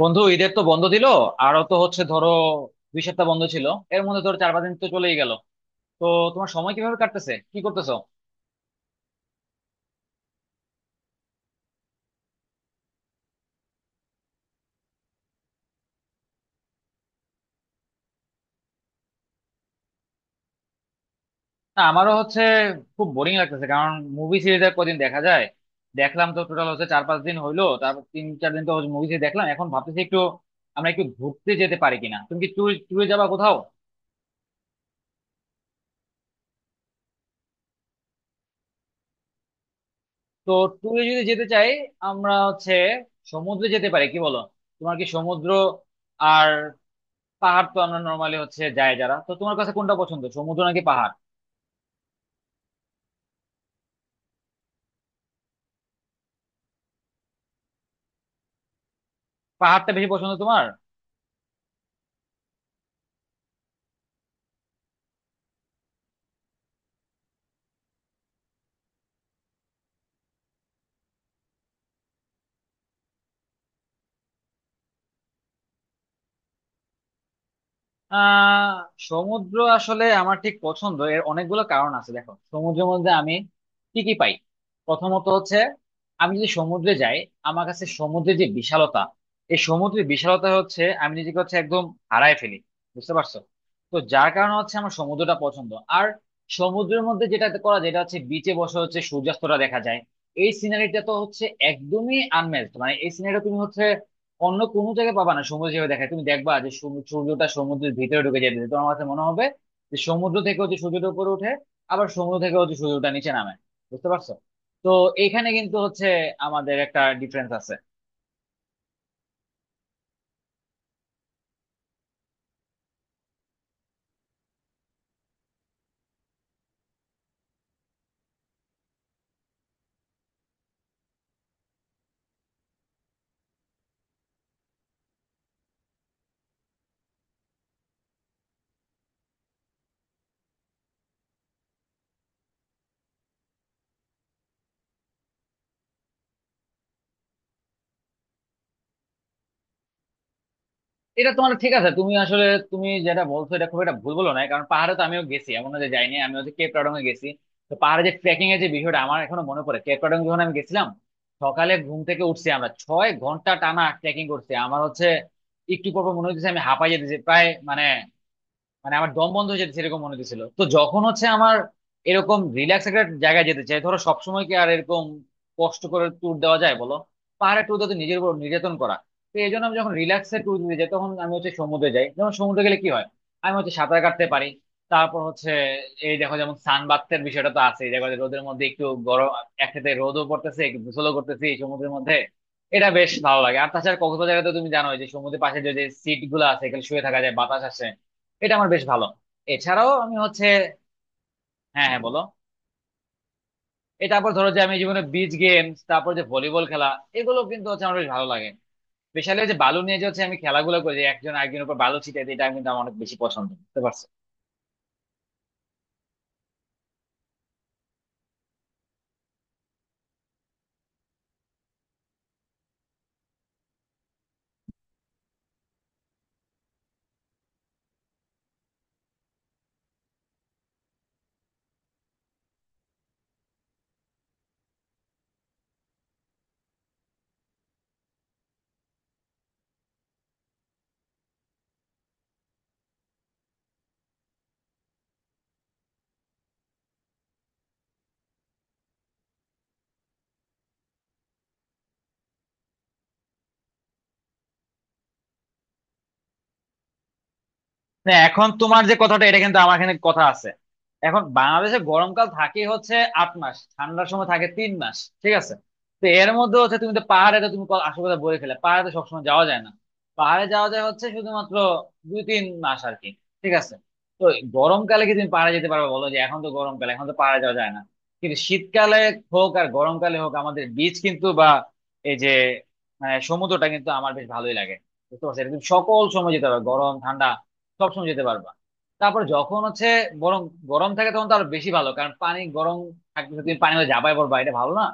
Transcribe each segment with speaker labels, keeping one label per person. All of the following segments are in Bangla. Speaker 1: বন্ধু, ঈদের তো বন্ধ দিল। আরো তো হচ্ছে ধরো 2 সপ্তাহ বন্ধ ছিল। এর মধ্যে ধরো 4-5 দিন তো চলেই গেল। তো তোমার সময় কিভাবে কাটতেছে, কি করতেছো? না, আমারও হচ্ছে। খুব বোরিং লাগতেছে কারণ মুভি সিরিজ আর কদিন দেখা যায়? দেখলাম তো, টোটাল হচ্ছে 4-5 দিন হইলো, তারপর 3-4 দিন তো মুভি সিরিজ দেখলাম। এখন ভাবতেছি একটু আমরা একটু ঘুরতে যেতে পারি কিনা। তুমি কি ট্যুরে ট্যুরে যাবা কোথাও? তো ট্যুরে যদি যেতে চাই আমরা হচ্ছে সমুদ্রে যেতে পারি, কি বলো? তোমার কি সমুদ্র আর পাহাড়, তো আমরা নরমালি হচ্ছে যায় যারা, তো তোমার কাছে কোনটা পছন্দ, সমুদ্র নাকি পাহাড়? পাহাড়টা বেশি পছন্দ তোমার। আহ সমুদ্র আসলে আমার ঠিক পছন্দ, এর অনেকগুলো কারণ আছে। দেখো সমুদ্রের মধ্যে আমি কি কি পাই, প্রথমত হচ্ছে আমি যদি সমুদ্রে যাই আমার কাছে সমুদ্রের যে বিশালতা, এই সমুদ্রের বিশালতা হচ্ছে আমি নিজেকে হচ্ছে একদম হারায় ফেলি, বুঝতে পারছো? তো যার কারণে হচ্ছে আমার সমুদ্রটা পছন্দ। আর সমুদ্রের মধ্যে যেটা করা যেটা হচ্ছে বিচে বসে হচ্ছে সূর্যাস্তটা দেখা যায়, এই সিনারিটা তো হচ্ছে একদমই আনম্যাচড। মানে এই সিনারিটা তুমি হচ্ছে অন্য কোনো জায়গায় পাবা না। সমুদ্র যেভাবে দেখায় তুমি দেখবা যে সূর্যটা সমুদ্রের ভিতরে ঢুকে যেতে তোমার কাছে মনে হবে যে সমুদ্র থেকে হচ্ছে সূর্যটা উপরে ওঠে, আবার সমুদ্র থেকে হচ্ছে সূর্যটা নিচে নামে। বুঝতে পারছো? তো এখানে কিন্তু হচ্ছে আমাদের একটা ডিফারেন্স আছে। এটা তোমার ঠিক আছে, তুমি আসলে তুমি যেটা বলছো এটা খুব একটা ভুল বলো না, কারণ পাহাড়ে তো আমিও গেছি, এমন না যে যাইনি। আমি হচ্ছে কেপ টাউডং এ গেছি। তো পাহাড়ে যে ট্রেকিং এর যে বিষয়টা আমার এখনো মনে পড়ে, কেপ টাউডং যখন আমি গেছিলাম সকালে ঘুম থেকে উঠছি আমরা 6 ঘন্টা টানা ট্রেকিং করছি। আমার হচ্ছে একটু পর পর মনে হচ্ছে আমি হাঁপাই যেতেছি প্রায়, মানে মানে আমার দম বন্ধ হয়ে যেত সেরকম মনে হচ্ছিল। তো যখন হচ্ছে আমার এরকম রিল্যাক্স একটা জায়গায় যেতে চাই, ধরো সবসময় কি আর এরকম কষ্ট করে ট্যুর দেওয়া যায় বলো? পাহাড়ে ট্যুর দেওয়া তো নিজের উপর নির্যাতন করা। তো এই জন্য আমি যখন রিল্যাক্সে ট্যুর দিতে যাই তখন আমি হচ্ছে সমুদ্রে যাই। যেমন সমুদ্রে গেলে কি হয়, আমি হচ্ছে সাঁতার কাটতে পারি। তারপর হচ্ছে এই দেখো যেমন সানবাথের বিষয়টা তো আছে, দেখো যে রোদের মধ্যে একটু গরম, একসাথে রোদও পড়তেছে একটু গোসলও করতেছি এই সমুদ্রের মধ্যে, এটা বেশ ভালো লাগে। আর তাছাড়া কক্সবাজারে তো তুমি জানোই যে সমুদ্রের পাশে যে সিট গুলো আছে, এখানে শুয়ে থাকা যায়, বাতাস আসে, এটা আমার বেশ ভালো। এছাড়াও আমি হচ্ছে হ্যাঁ হ্যাঁ বলো, এটা আবার ধরো যে আমি জীবনে বিচ গেমস তারপর যে ভলিবল খেলা, এগুলো কিন্তু হচ্ছে আমার বেশ ভালো লাগে। স্পেশালি যে বালু নিয়ে যে হচ্ছে আমি খেলাগুলো করি, যে একজন আরেকজনের উপর বালু ছিটাই দিই, এটা কিন্তু আমার অনেক বেশি পছন্দ, বুঝতে পারছো? না এখন তোমার যে কথাটা এটা কিন্তু আমার এখানে কথা আছে। এখন বাংলাদেশে গরমকাল থাকে হচ্ছে 8 মাস, ঠান্ডার সময় থাকে 3 মাস, ঠিক আছে? তো এর মধ্যে হচ্ছে তুমি তো পাহাড়ে তো তুমি আসল কথা বলে ফেলে, পাহাড়ে তো সবসময় যাওয়া যায় না। পাহাড়ে যাওয়া যায় হচ্ছে শুধুমাত্র 2-3 মাস আর কি, ঠিক আছে? তো গরমকালে কি তুমি পাহাড়ে যেতে পারবে বলো, যে এখন তো গরমকালে এখন তো পাহাড়ে যাওয়া যায় না। কিন্তু শীতকালে হোক আর গরমকালে হোক আমাদের বিচ কিন্তু বা এই যে মানে সমুদ্রটা কিন্তু আমার বেশ ভালোই লাগে। বুঝতে পারছো? এটা তুমি সকল সময় যেতে পারবে, গরম ঠান্ডা সবসময় যেতে পারবা। তারপর যখন হচ্ছে বরং গরম থাকে তখন তো আরো বেশি ভালো, কারণ পানি গরম থাকতেছে, তুমি পানি মধ্যে যাবাই পড়বা, এটা ভালো না?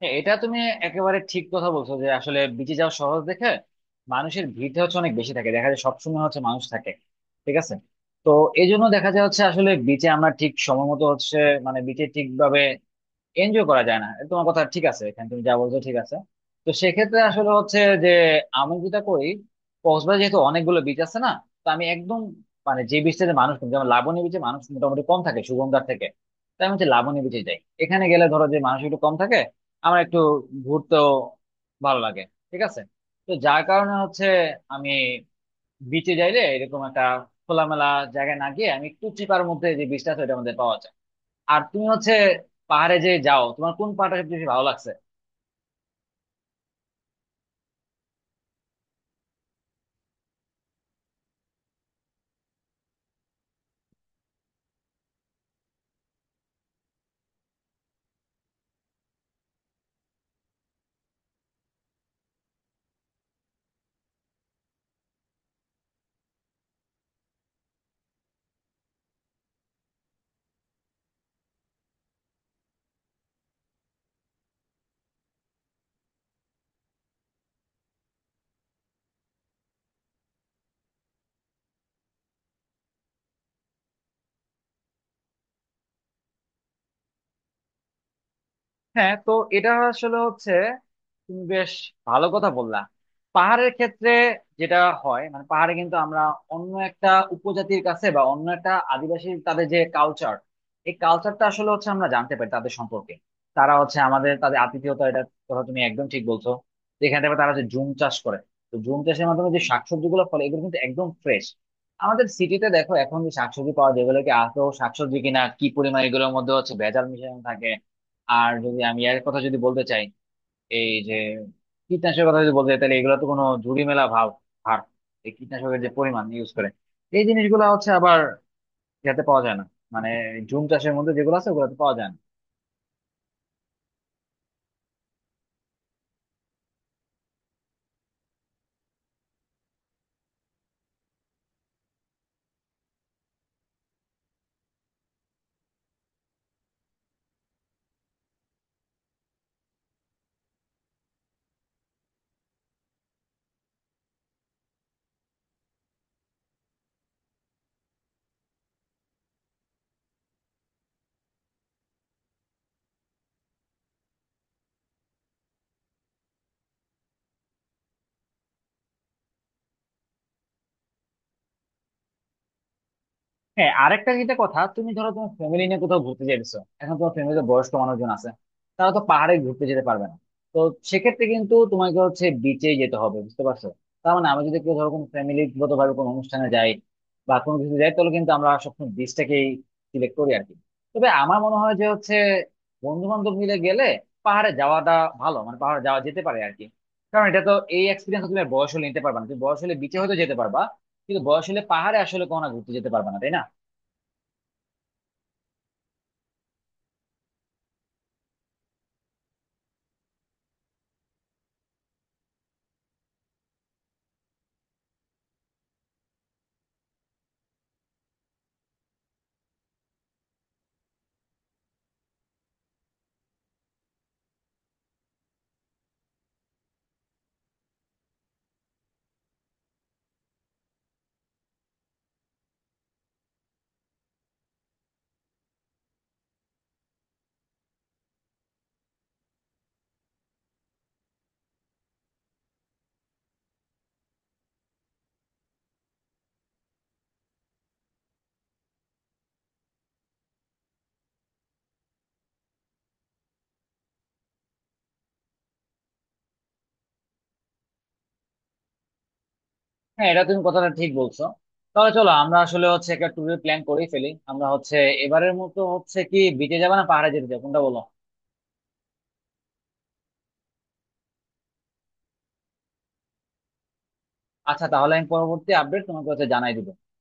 Speaker 1: হ্যাঁ এটা তুমি একেবারে ঠিক কথা বলছো, যে আসলে বিচে যাওয়া সহজ দেখে মানুষের ভিড়টা হচ্ছে অনেক বেশি থাকে, দেখা যায় সবসময় হচ্ছে মানুষ থাকে, ঠিক আছে? তো এই জন্য দেখা যায় হচ্ছে আসলে বিচে আমরা ঠিক সময় মতো হচ্ছে মানে বিচে ঠিকভাবে এনজয় করা যায় না। তোমার কথা ঠিক আছে, এখানে তুমি যা বলছো ঠিক আছে। তো সেক্ষেত্রে আসলে হচ্ছে, যে আমি যেটা করি কক্সবাজার যেহেতু অনেকগুলো বিচ আছে না, তো আমি একদম মানে যে বিচটা যে মানুষ কম, যেমন লাবণী বিচে মানুষ মোটামুটি কম থাকে সুগন্ধার থেকে, তাই আমি হচ্ছে লাবণী বিচে যাই, এখানে গেলে ধরো যে মানুষ একটু কম থাকে, আমার একটু ঘুরতেও ভালো লাগে, ঠিক আছে? তো যার কারণে হচ্ছে আমি বিচে যাইলে এরকম একটা খোলামেলা জায়গায় না গিয়ে আমি একটু চিপার মধ্যে যে বিচটা আছে ওইটার মধ্যে পাওয়া যায়। আর তুমি হচ্ছে পাহাড়ে যে যাও তোমার কোন পাহাড়টা সবচেয়ে বেশি ভালো লাগছে? হ্যাঁ তো এটা আসলে হচ্ছে তুমি বেশ ভালো কথা বললা। পাহাড়ের ক্ষেত্রে যেটা হয়, মানে পাহাড়ে কিন্তু আমরা অন্য একটা উপজাতির কাছে বা অন্য একটা আদিবাসী তাদের যে কালচার, এই কালচারটা আসলে হচ্ছে আমরা জানতে পারি তাদের সম্পর্কে। তারা হচ্ছে আমাদের তাদের আতিথেয়তা, এটা কথা তুমি একদম ঠিক বলছো। যেখানে দেখবে তারা যে জুম চাষ করে, তো জুম চাষের মাধ্যমে যে শাকসবজি গুলো ফলে এগুলো কিন্তু একদম ফ্রেশ। আমাদের সিটিতে দেখো এখন যে শাকসবজি পাওয়া যায় এগুলোকে আদৌ শাকসবজি কিনা, কি পরিমাণ এগুলোর মধ্যে হচ্ছে ভেজাল মিশানো থাকে। আর যদি আমি এর কথা যদি বলতে চাই এই যে কীটনাশকের কথা যদি বলতে চাই তাহলে এগুলো তো কোনো ঝুড়ি মেলা ভাব হার। এই কীটনাশকের যে পরিমাণ ইউজ করে এই জিনিসগুলো হচ্ছে আবার ইয়াতে পাওয়া যায় না, মানে ঝুম চাষের মধ্যে যেগুলো আছে ওগুলোতে পাওয়া যায় না। হ্যাঁ আরেকটা যেটা কথা তুমি ধরো তোমার ফ্যামিলি নিয়ে কোথাও ঘুরতে যাইতেছো, এখন তোমার ফ্যামিলিতে বয়স্ক মানুষজন আছে, তারা তো পাহাড়ে ঘুরতে যেতে পারবে না। তো সেক্ষেত্রে কিন্তু তোমাকে হচ্ছে বিচে যেতে হবে, বুঝতে পারছো? তার মানে আমি যদি কেউ ধরো কোনো ফ্যামিলিগত ভাবে কোনো অনুষ্ঠানে যাই বা কোনো কিছু যাই তাহলে কিন্তু আমরা সবসময় বিচটাকেই সিলেক্ট করি আর কি। তবে আমার মনে হয় যে হচ্ছে বন্ধু বান্ধব মিলে গেলে পাহাড়ে যাওয়াটা ভালো, মানে পাহাড়ে যাওয়া যেতে পারে আর কি। কারণ এটা তো এই এক্সপিরিয়েন্স তুমি আর বয়স হলে নিতে পারবে না, তুমি বয়স হলে বিচে হয়তো যেতে পারবা কিন্তু বয়স হলে পাহাড়ে আসলে কখনো ঘুরতে যেতে পারবে না, তাই না? হ্যাঁ এটা তুমি কথাটা ঠিক বলছো। তাহলে চলো আমরা আসলে হচ্ছে একটা ট্যুরের প্ল্যান করেই ফেলি, আমরা হচ্ছে এবারের মতো হচ্ছে কি বিচে যাবে না পাহাড়ে যেতে যাবো, কোনটা বলো? আচ্ছা তাহলে আমি পরবর্তী আপডেট তোমাকে হচ্ছে জানাই দিব।